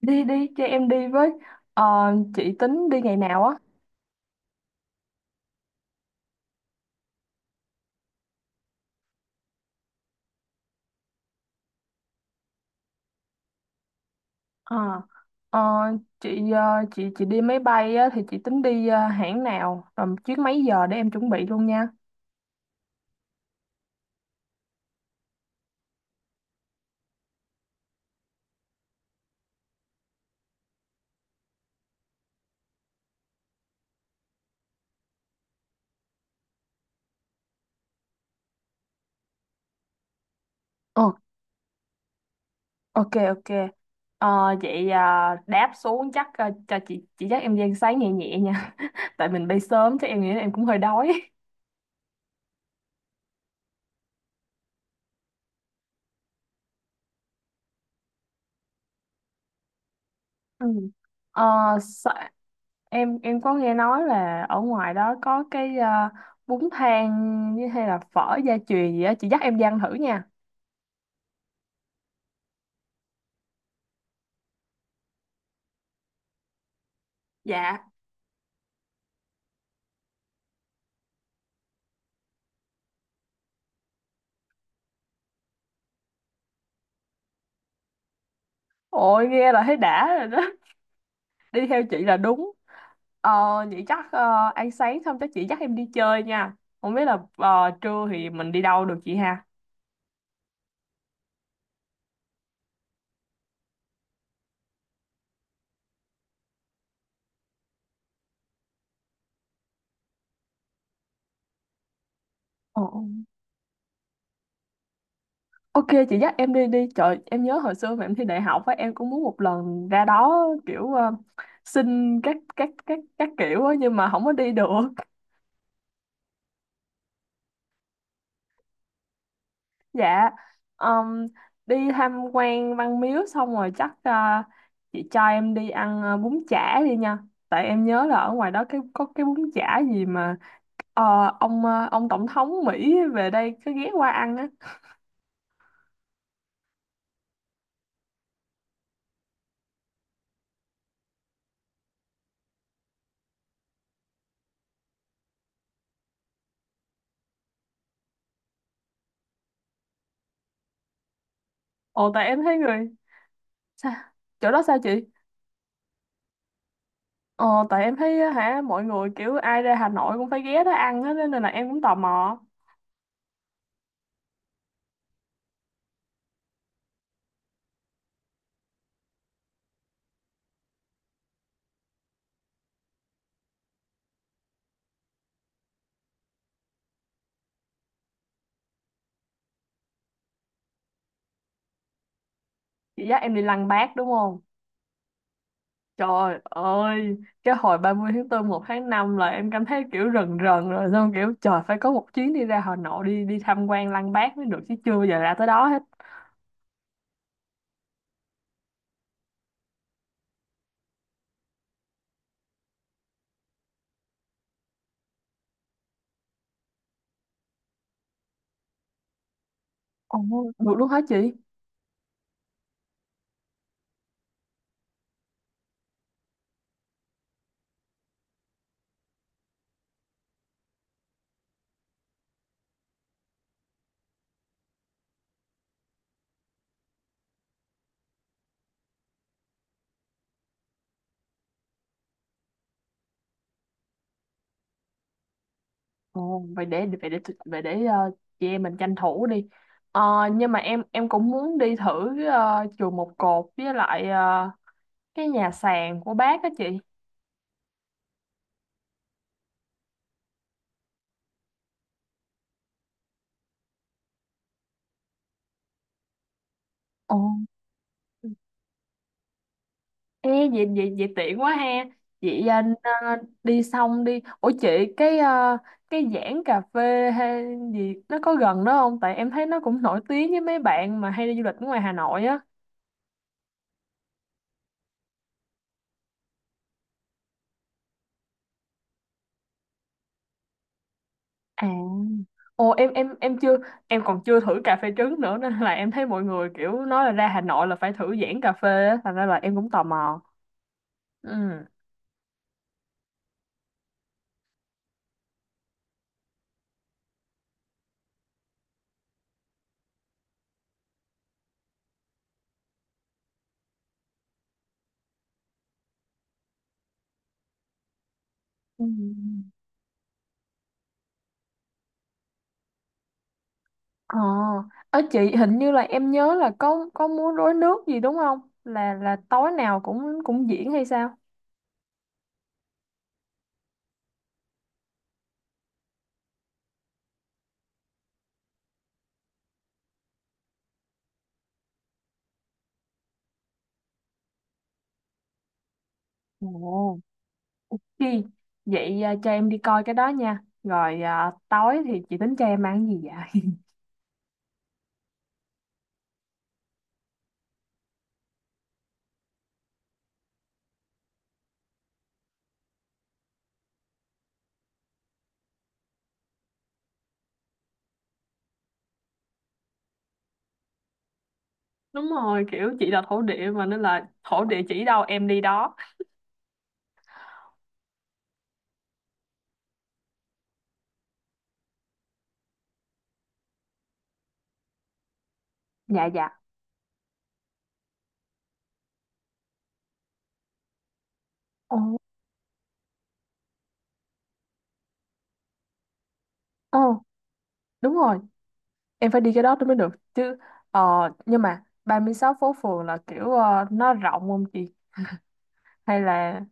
Đi đi cho em đi với. Chị tính đi ngày nào á? Ờ, ờ, chị ờ, chị đi máy bay á, thì chị tính đi hãng nào, rồi chuyến mấy giờ để em chuẩn bị luôn nha. Ồ, ok ok. Vậy đáp xuống chắc cho chị dắt em đi ăn sáng nhẹ nhẹ nha. Tại mình bay sớm chắc em nghĩ là em cũng hơi đói. Ừ. Ờ, sa- em có nghe nói là ở ngoài đó có cái bún thang với hay là phở gia truyền gì á, chị dắt em đi ăn thử nha. Dạ. Ôi nghe là thấy đã rồi đó. Đi theo chị là đúng. Ờ, vậy chắc ăn sáng xong chắc chị dắt em đi chơi nha. Không biết là trưa thì mình đi đâu được chị ha? Ồ. Ok, chị dắt em đi đi. Trời, em nhớ hồi xưa mà em thi đại học á, em cũng muốn một lần ra đó kiểu xin các kiểu á, nhưng mà không có đi được. Dạ, um, đi tham quan Văn Miếu xong rồi chắc chị cho em đi ăn bún chả đi nha. Tại em nhớ là ở ngoài đó cái có cái bún chả gì mà ờ, ông tổng thống Mỹ về đây cứ ghé qua ăn á. Ồ, tại em thấy người... Sao? Chỗ đó sao chị? Ờ, tại em thấy á, hả, mọi người kiểu ai ra Hà Nội cũng phải ghé đó ăn á, nên là em cũng tò mò. Chị dắt em đi Lăng Bác đúng không? Trời ơi, cái hồi 30 tháng 4, 1 tháng 5 là em cảm thấy kiểu rần rần rồi. Xong kiểu trời, phải có một chuyến đi ra Hà Nội đi đi tham quan Lăng Bác mới được chứ, chưa bao giờ ra tới đó hết. Ồ, được luôn hả chị? Ồ, vậy để chị em mình tranh thủ đi. Ờ, nhưng mà em cũng muốn đi thử chùa Một Cột với lại cái nhà sàn của bác á chị. Ồ. Ê, vậy tiện quá ha. Chị à, n- à, đi xong đi, ủa chị, cái à, cái Giảng cà phê hay gì nó có gần đó không, tại em thấy nó cũng nổi tiếng với mấy bạn mà hay đi du lịch ở ngoài Hà Nội á. À, ồ em chưa em còn chưa thử cà phê trứng nữa, nên là em thấy mọi người kiểu nói là ra Hà Nội là phải thử Giảng cà phê á, thành ra là em cũng tò mò. Ừ. Ừ. ờ Ở chị hình như là em nhớ là có múa rối nước gì đúng không, là là tối nào cũng cũng diễn hay sao? Ồ. Chị, vậy cho em đi coi cái đó nha. Rồi tối thì chị tính cho em ăn gì vậy? Đúng rồi, kiểu chị là thổ địa mà, nên là thổ địa chỉ đâu em đi đó. Dạ dạ. Ồ. Ồ, đúng rồi, em phải đi cái đó tôi mới được chứ. Ờ, nhưng mà 36 phố phường là kiểu nó rộng không chị? Hay là...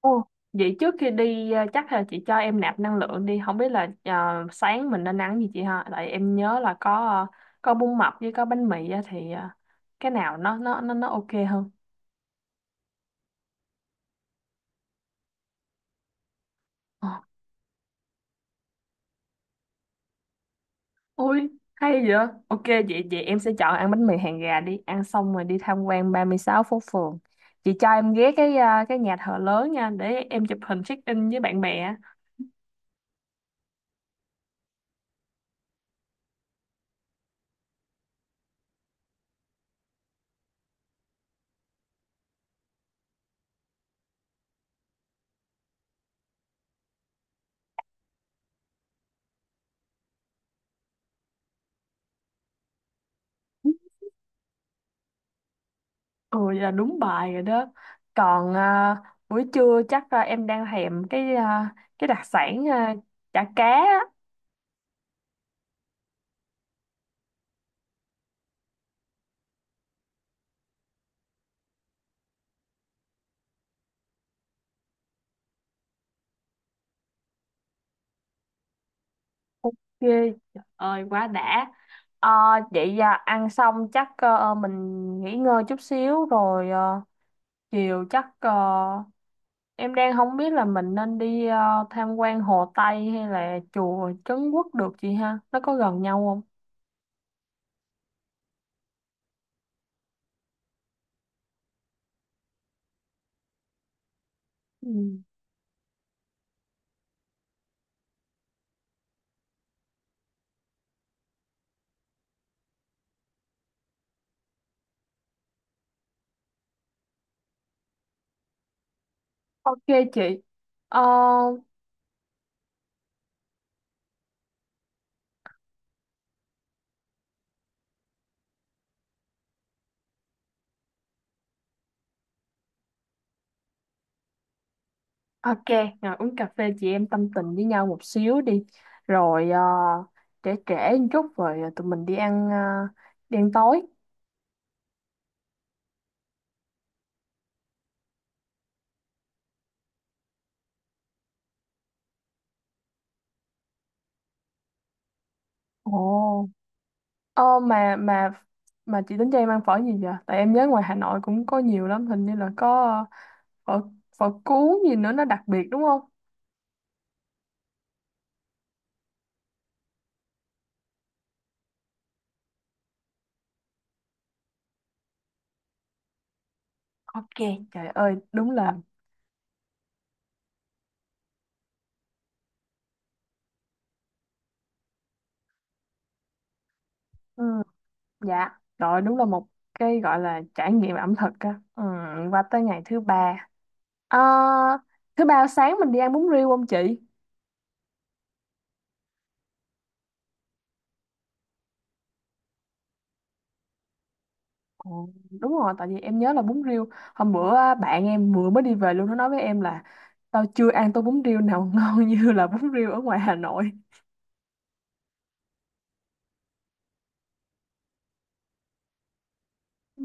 Ồ, vậy trước khi đi chắc là chị cho em nạp năng lượng đi, không biết là sáng mình nên ăn gì chị ha, tại em nhớ là có có bún mập với có bánh mì á, thì cái nào nó ok hơn. Ờ, ôi hay vậy, ok, vậy vậy em sẽ chọn ăn bánh mì hàng gà. Đi ăn xong rồi đi tham quan 36 phố phường, chị cho em ghé cái cái nhà thờ lớn nha, để em chụp hình check in với bạn bè. Ừ, vậy là đúng bài rồi đó. Còn buổi trưa chắc em đang thèm cái đặc sản chả cá. Á. Ok, trời ơi quá đã. Ờ, vậy ăn xong chắc mình nghỉ ngơi chút xíu rồi chiều chắc em đang không biết là mình nên đi tham quan Hồ Tây hay là chùa Trấn Quốc được chị ha? Nó có gần nhau không? Ừ. Ok chị. Ờ. Ok, ngồi uống cà phê chị em tâm tình với nhau một xíu đi. Rồi trễ trễ một chút rồi tụi mình đi ăn đi ăn tối. Ồ. Ờ mà mà mà chị tính cho em ăn phở gì vậy? Tại em nhớ ngoài Hà Nội cũng có nhiều lắm, hình như là có phở phở cuốn gì nữa, nó đặc biệt đúng không? Ok, trời ơi, đúng là... Ừ. Dạ, rồi đúng là một cái gọi là trải nghiệm ẩm thực á. Ừ, qua tới ngày thứ ba. Ờ, thứ ba sáng mình đi ăn bún riêu không chị? Ồ, đúng rồi, tại vì em nhớ là bún riêu hôm bữa á, bạn em vừa mới đi về luôn, nó nói với em là tao chưa ăn tô bún riêu nào ngon như là bún riêu ở ngoài Hà Nội. Ừ.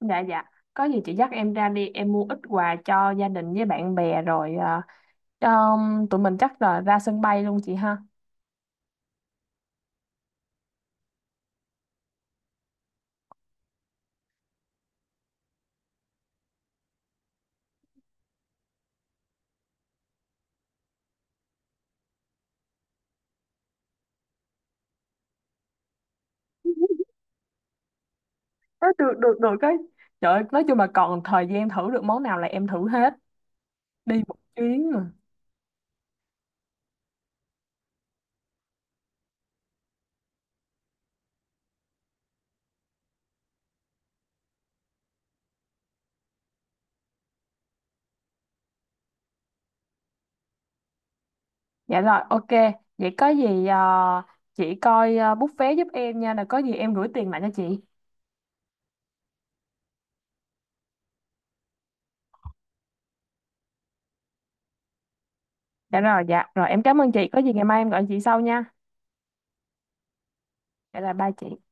Dạ dạ, có gì chị dắt em ra đi, em mua ít quà cho gia đình với bạn bè, rồi tụi mình chắc là ra sân bay luôn chị ha. Ờ, được được được cái, trời ơi, nói chung là còn thời gian thử được món nào là em thử hết, đi một chuyến mà. Dạ rồi, ok, vậy có gì chị coi book vé giúp em nha, là có gì em gửi tiền lại cho chị. Dạ. Rồi em cảm ơn chị. Có gì ngày mai em gọi chị sau nha. Dạ, là ba chị.